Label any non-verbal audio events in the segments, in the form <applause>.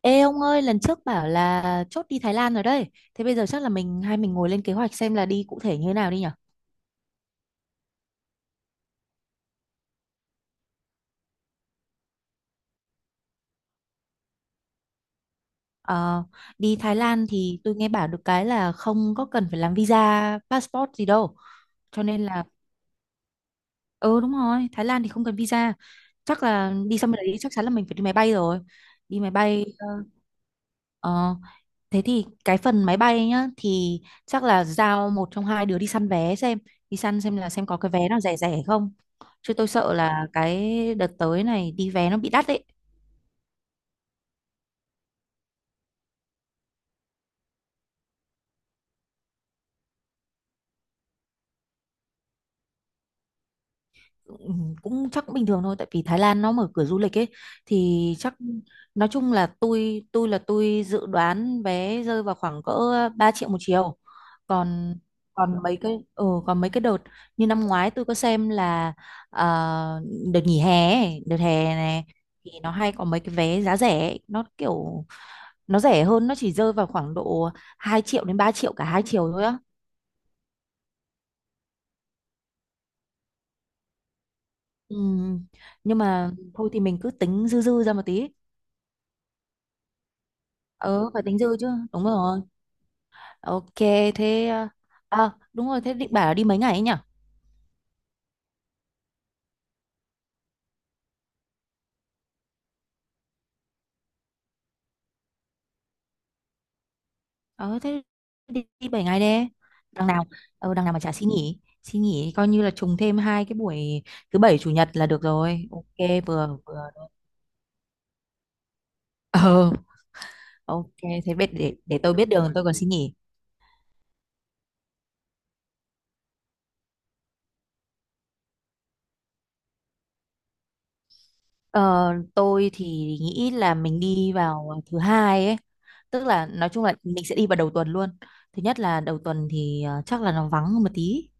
Ê ông ơi, lần trước bảo là chốt đi Thái Lan rồi đấy. Thế bây giờ chắc là mình hai ngồi lên kế hoạch xem là đi cụ thể như thế nào đi nhỉ? Ờ, Đi Thái Lan thì tôi nghe bảo được cái là không có cần phải làm visa, passport gì đâu. Cho nên là, ừ đúng rồi, Thái Lan thì không cần visa. Chắc là đi sang bên đấy chắc chắn là mình phải đi máy bay rồi. Đi máy bay ờ, thế thì cái phần máy bay nhá thì chắc là giao một trong hai đứa đi săn vé xem đi săn xem là xem có cái vé nào rẻ rẻ không, chứ tôi sợ là cái đợt tới này đi vé nó bị đắt đấy. Ừ, cũng chắc cũng bình thường thôi tại vì Thái Lan nó mở cửa du lịch ấy, thì chắc nói chung là tôi là tôi dự đoán vé rơi vào khoảng cỡ 3 triệu một chiều. Còn còn mấy cái còn mấy cái đợt như năm ngoái tôi có xem là ờ, đợt nghỉ hè ấy, đợt hè này thì nó hay có mấy cái vé giá rẻ ấy. Nó kiểu nó rẻ hơn, nó chỉ rơi vào khoảng độ 2 triệu đến 3 triệu cả hai chiều thôi á. Ừ, nhưng mà thôi thì mình cứ tính dư dư ra một tí. Ừ, phải tính dư chứ. Đúng rồi. Ok, thế... à, đúng rồi, thế định bảo là đi mấy ngày ấy nhỉ? Ờ, thế đi 7 ngày đi. Đằng nào, đằng nào mà chả xin nghỉ. Xin nghỉ coi như là trùng thêm hai cái buổi thứ bảy chủ nhật là được rồi. Ok, vừa vừa. Ờ, ok, thế biết để tôi biết đường tôi còn xin nghỉ. Ờ, tôi thì nghĩ là mình đi vào thứ hai ấy. Tức là nói chung là mình sẽ đi vào đầu tuần luôn. Thứ nhất là đầu tuần thì chắc là nó vắng hơn một tí.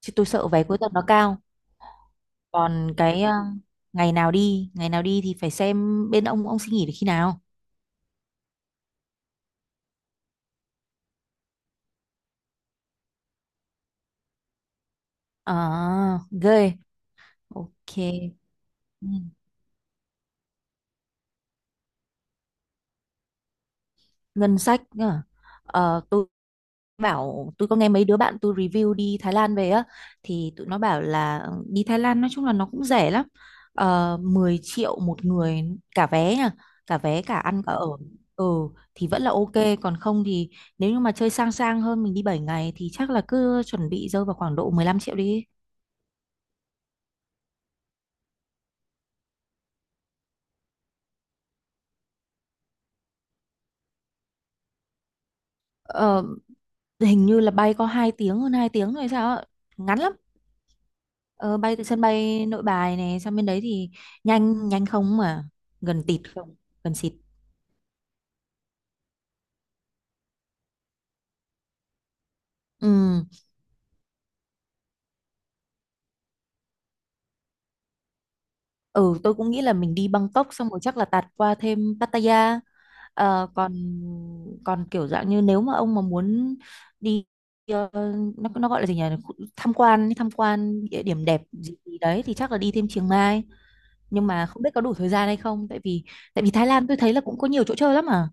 Chứ tôi sợ vé cuối tuần nó cao. Còn cái ngày nào đi thì phải xem bên ông xin nghỉ được khi nào. À, ghê. Ok. Ừ. Ngân sách nhá. Ờ, tôi có nghe mấy đứa bạn tôi review đi Thái Lan về á thì tụi nó bảo là ừ, đi Thái Lan nói chung là nó cũng rẻ lắm. Ờ, 10 triệu một người, cả vé nha, cả vé cả ăn cả ở. Ừ thì vẫn là ok, còn không thì nếu như mà chơi sang sang hơn mình đi 7 ngày thì chắc là cứ chuẩn bị rơi vào khoảng độ 15 triệu đi. Ờ, hình như là bay có 2 tiếng hơn 2 tiếng rồi sao ạ, ngắn lắm. Ờ, bay từ sân bay Nội Bài này sang bên đấy thì nhanh nhanh không mà, gần tịt không, gần xịt. Ừ. Ừ tôi cũng nghĩ là mình đi Bangkok xong rồi chắc là tạt qua thêm Pattaya. Ờ, còn còn kiểu dạng như nếu mà ông mà muốn đi ờ, nó gọi là gì nhỉ, tham quan, tham quan địa điểm đẹp gì gì đấy thì chắc là đi thêm Chiang Mai, nhưng mà không biết có đủ thời gian hay không tại vì tại vì Thái Lan tôi thấy là cũng có nhiều chỗ chơi lắm mà.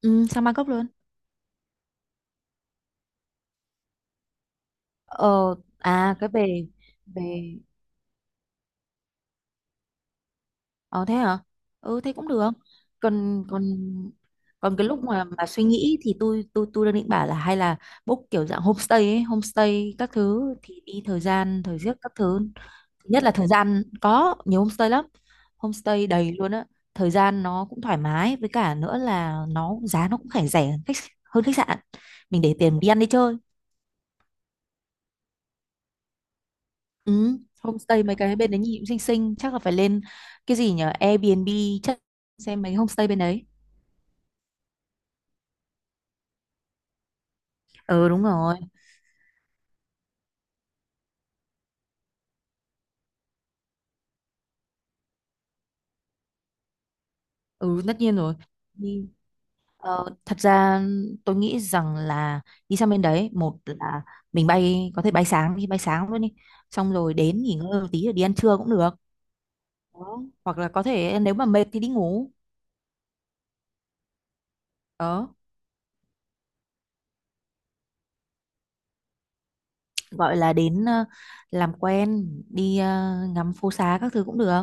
Ừ, sang Bangkok luôn. Ờ, à, cái về về. Ờ thế hả? Ừ thế cũng được. Còn còn còn cái lúc mà suy nghĩ thì tôi đang định bảo là hay là book kiểu dạng homestay ấy, homestay các thứ thì đi thời gian, thời giấc các thứ. Thứ nhất là thời gian có nhiều homestay lắm. Homestay đầy luôn á. Thời gian nó cũng thoải mái, với cả nữa là nó giá nó cũng phải rẻ hơn khách, hơn khách sạn. Mình để tiền đi ăn đi chơi. Ừ, homestay mấy cái bên đấy nhìn cũng xinh xinh, chắc là phải lên cái gì nhỉ? Airbnb, chắc xem mấy homestay bên đấy. Ừ đúng rồi. Ừ tất nhiên rồi. Đi thật ra tôi nghĩ rằng là đi sang bên đấy một là mình bay có thể bay sáng đi, bay sáng luôn đi. Xong rồi đến nghỉ ngơi một tí rồi đi ăn trưa cũng được. Đó. Hoặc là có thể nếu mà mệt thì đi ngủ. Đó, gọi là đến làm quen, đi ngắm phố xá các thứ cũng được.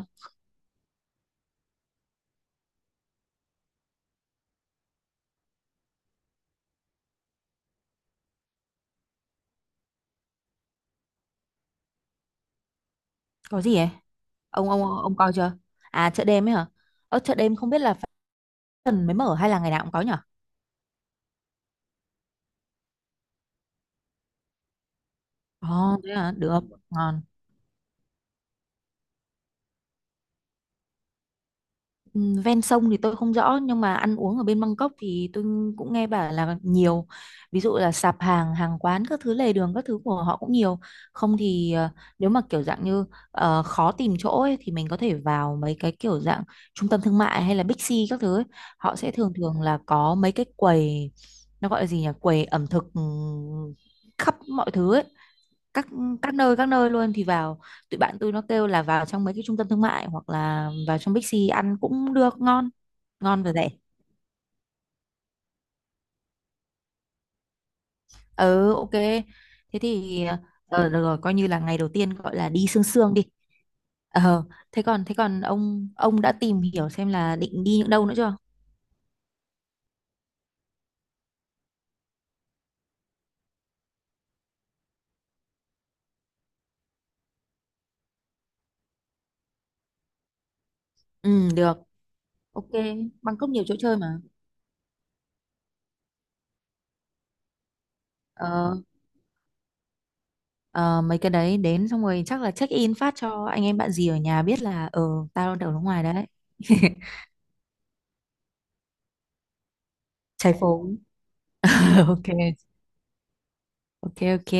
Có gì ấy? Ông coi chưa? À chợ đêm ấy hả? Ở chợ đêm không biết là phải tuần mới mở hay là ngày nào cũng có nhỉ? Ồ, thế à, được, ngon. Ừ, ven sông thì tôi không rõ nhưng mà ăn uống ở bên Bangkok thì tôi cũng nghe bảo là nhiều, ví dụ là sạp hàng, hàng quán các thứ, lề đường các thứ của họ cũng nhiều. Không thì nếu mà kiểu dạng như khó tìm chỗ ấy, thì mình có thể vào mấy cái kiểu dạng trung tâm thương mại hay là Big C các thứ ấy. Họ sẽ thường thường là có mấy cái quầy, nó gọi là gì nhỉ, quầy ẩm thực, ừ, khắp mọi thứ ấy, các các nơi, các nơi luôn thì vào. Tụi bạn tôi nó kêu là vào trong mấy cái trung tâm thương mại hoặc là vào trong Bixi ăn cũng được, ngon, ngon và rẻ. Ừ, ok. Thế thì được rồi, coi như là ngày đầu tiên gọi là đi sương sương đi. Ờ thế còn ông đã tìm hiểu xem là định đi những đâu nữa chưa? Ừ được. Ok, Bangkok nhiều chỗ chơi mà. Ờ, ờ, mấy cái đấy đến xong rồi chắc là check in phát cho anh em bạn gì ở nhà biết là ờ, tao đang ở nước ngoài đấy. <laughs> Trái phố. <laughs> Ok. Ok, ok.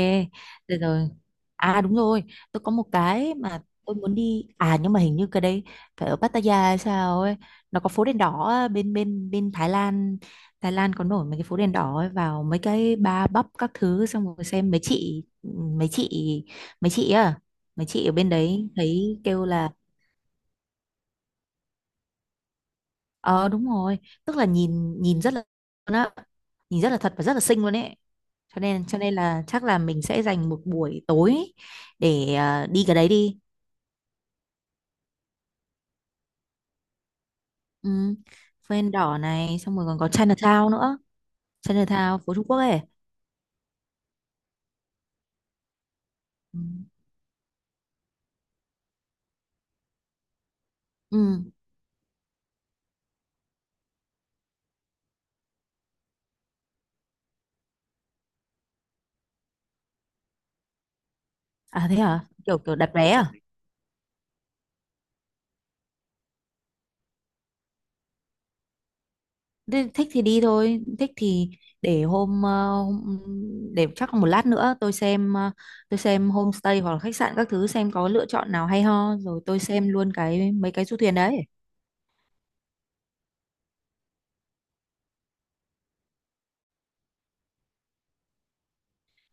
Được rồi. À đúng rồi, tôi có một cái mà tôi muốn đi. À nhưng mà hình như cái đấy phải ở Pattaya hay sao ấy. Nó có phố đèn đỏ á, bên bên bên Thái Lan. Thái Lan có nổi mấy cái phố đèn đỏ ấy, vào mấy cái bar bắp các thứ xong rồi xem mấy chị mấy chị à mấy chị ở bên đấy thấy kêu là. Ờ đúng rồi, tức là nhìn nhìn rất là, nó nhìn rất là thật và rất là xinh luôn ấy. Cho nên là chắc là mình sẽ dành một buổi tối để à, đi cái đấy đi. Ừ. Phên đỏ này xong rồi còn có Chinatown nữa. Chinatown phố Trung Quốc ấy. Ừ. Ừ. À thế hả? Kiểu kiểu đặt vé à? Thế thích thì đi thôi, thích thì để hôm, hôm, để chắc một lát nữa tôi xem tôi xem homestay hoặc là khách sạn các thứ xem có lựa chọn nào hay ho rồi tôi xem luôn cái mấy cái du thuyền đấy.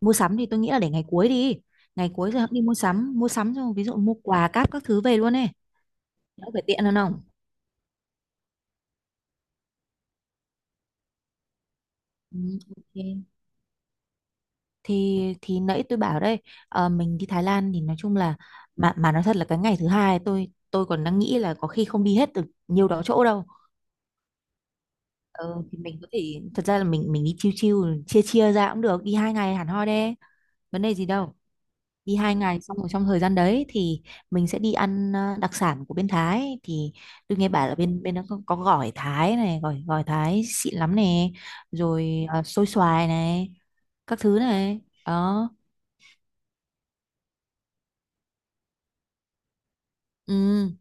Mua sắm thì tôi nghĩ là để ngày cuối đi. Ngày cuối rồi hẵng đi mua sắm xong ví dụ mua quà cáp các thứ về luôn ấy. Đỡ phải tiện hơn không? Ừ, ok. Thì nãy tôi bảo đây, ờ, mình đi Thái Lan thì nói chung là, mà nói thật là cái ngày thứ hai tôi còn đang nghĩ là có khi không đi hết được nhiều đó chỗ đâu. Ờ, thì mình có thể thật ra là mình đi chiêu chiêu chia chia ra cũng được, đi hai ngày hẳn hoi đấy, vấn đề gì đâu. Đi hai ngày xong rồi trong thời gian đấy thì mình sẽ đi ăn đặc sản của bên Thái thì tôi nghe bảo là bên bên đó có gỏi Thái này, gỏi gỏi Thái xịn lắm này, rồi ờ, xôi xoài này, các thứ này. Đó ừ,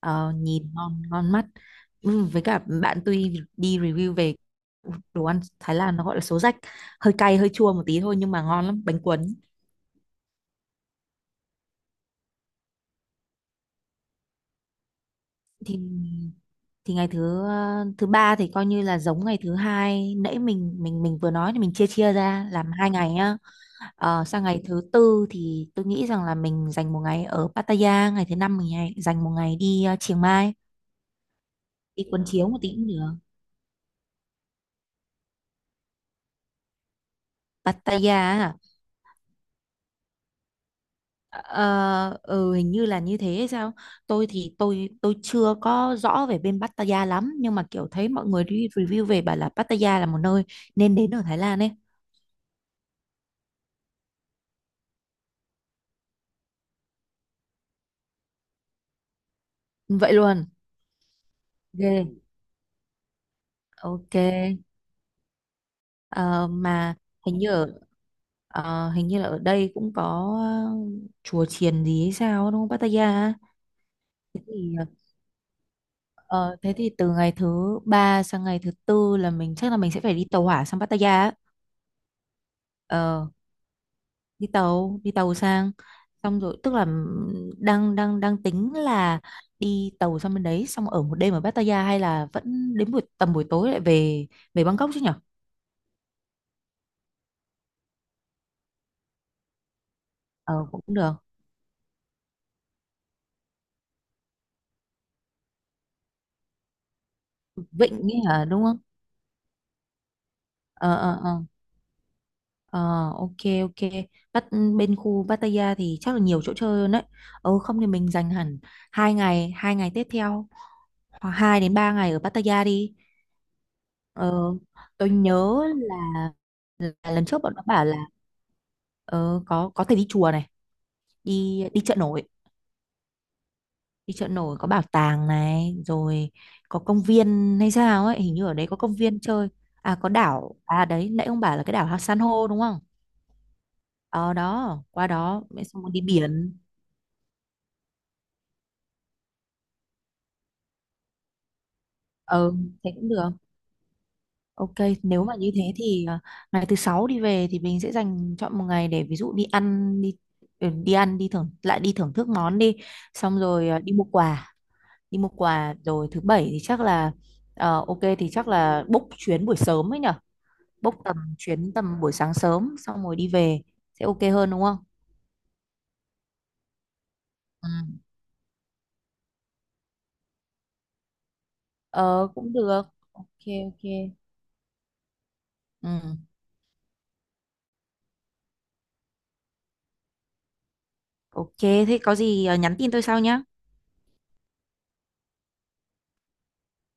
ờ, nhìn ngon ngon mắt. Ừ, với cả bạn tôi đi review về đồ ăn Thái Lan nó gọi là số rách, hơi cay hơi chua một tí thôi nhưng mà ngon lắm bánh cuốn. thì thì ngày thứ thứ ba thì coi như là giống ngày thứ hai nãy mình vừa nói, thì mình chia chia ra làm hai ngày nhá. Ờ, sang ngày thứ tư thì tôi nghĩ rằng là mình dành một ngày ở Pattaya, ngày thứ năm mình dành một ngày đi Chiang Mai, đi cuốn chiếu một tí cũng được. Pattaya, à? Ờ, ừ, hình như là như thế hay sao. Tôi thì tôi chưa có rõ về bên Pattaya lắm, nhưng mà kiểu thấy mọi người đi review về bảo là Pattaya là một nơi nên đến ở Thái Lan ấy. Vậy luôn, ghê. Ok, ờ, mà hình như ở hình như là ở đây cũng có ờ, chùa chiền gì hay sao đúng không, Pattaya á? Thế thì ờ, thế thì từ ngày thứ ba sang ngày thứ tư là chắc là mình sẽ phải đi tàu hỏa sang Pattaya á. Ờ, đi tàu, đi tàu sang, xong rồi tức là đang đang đang tính là đi tàu sang bên đấy xong ở một đêm ở Pattaya hay là vẫn đến buổi, tầm buổi tối lại về, về Bangkok chứ nhở? Ờ cũng được. Vịnh ấy hả đúng không? Ờ. Ờ, ok, ok. Bắt bên khu Pattaya thì chắc là nhiều chỗ chơi hơn đấy. Ừ không thì mình dành hẳn hai ngày tiếp theo, hoặc hai đến ba ngày ở Pattaya đi. Ờ, tôi nhớ là lần trước bọn nó bảo là ờ, có thể đi chùa này, đi đi chợ nổi, đi chợ nổi, có bảo tàng này, rồi có công viên hay sao ấy, hình như ở đấy có công viên chơi. À có đảo, à đấy nãy ông bảo là cái đảo San Hô đúng không. Ờ đó qua đó xong rồi đi biển. Ừ, thế cũng được. Ok, nếu mà như thế thì à, ngày thứ sáu đi về thì mình sẽ dành chọn một ngày để ví dụ đi ăn đi, ừ, đi ăn đi thưởng lại, đi thưởng thức món đi, xong rồi à, đi mua quà, đi mua quà, rồi thứ bảy thì chắc là ờ, ok thì chắc là book chuyến buổi sớm ấy nhở, book tầm chuyến tầm buổi sáng sớm xong rồi đi về sẽ ok hơn đúng không? Ừ. Ờ cũng được. Ok ok. Ừ. Ok thế có gì à, nhắn tin tôi sau nhá.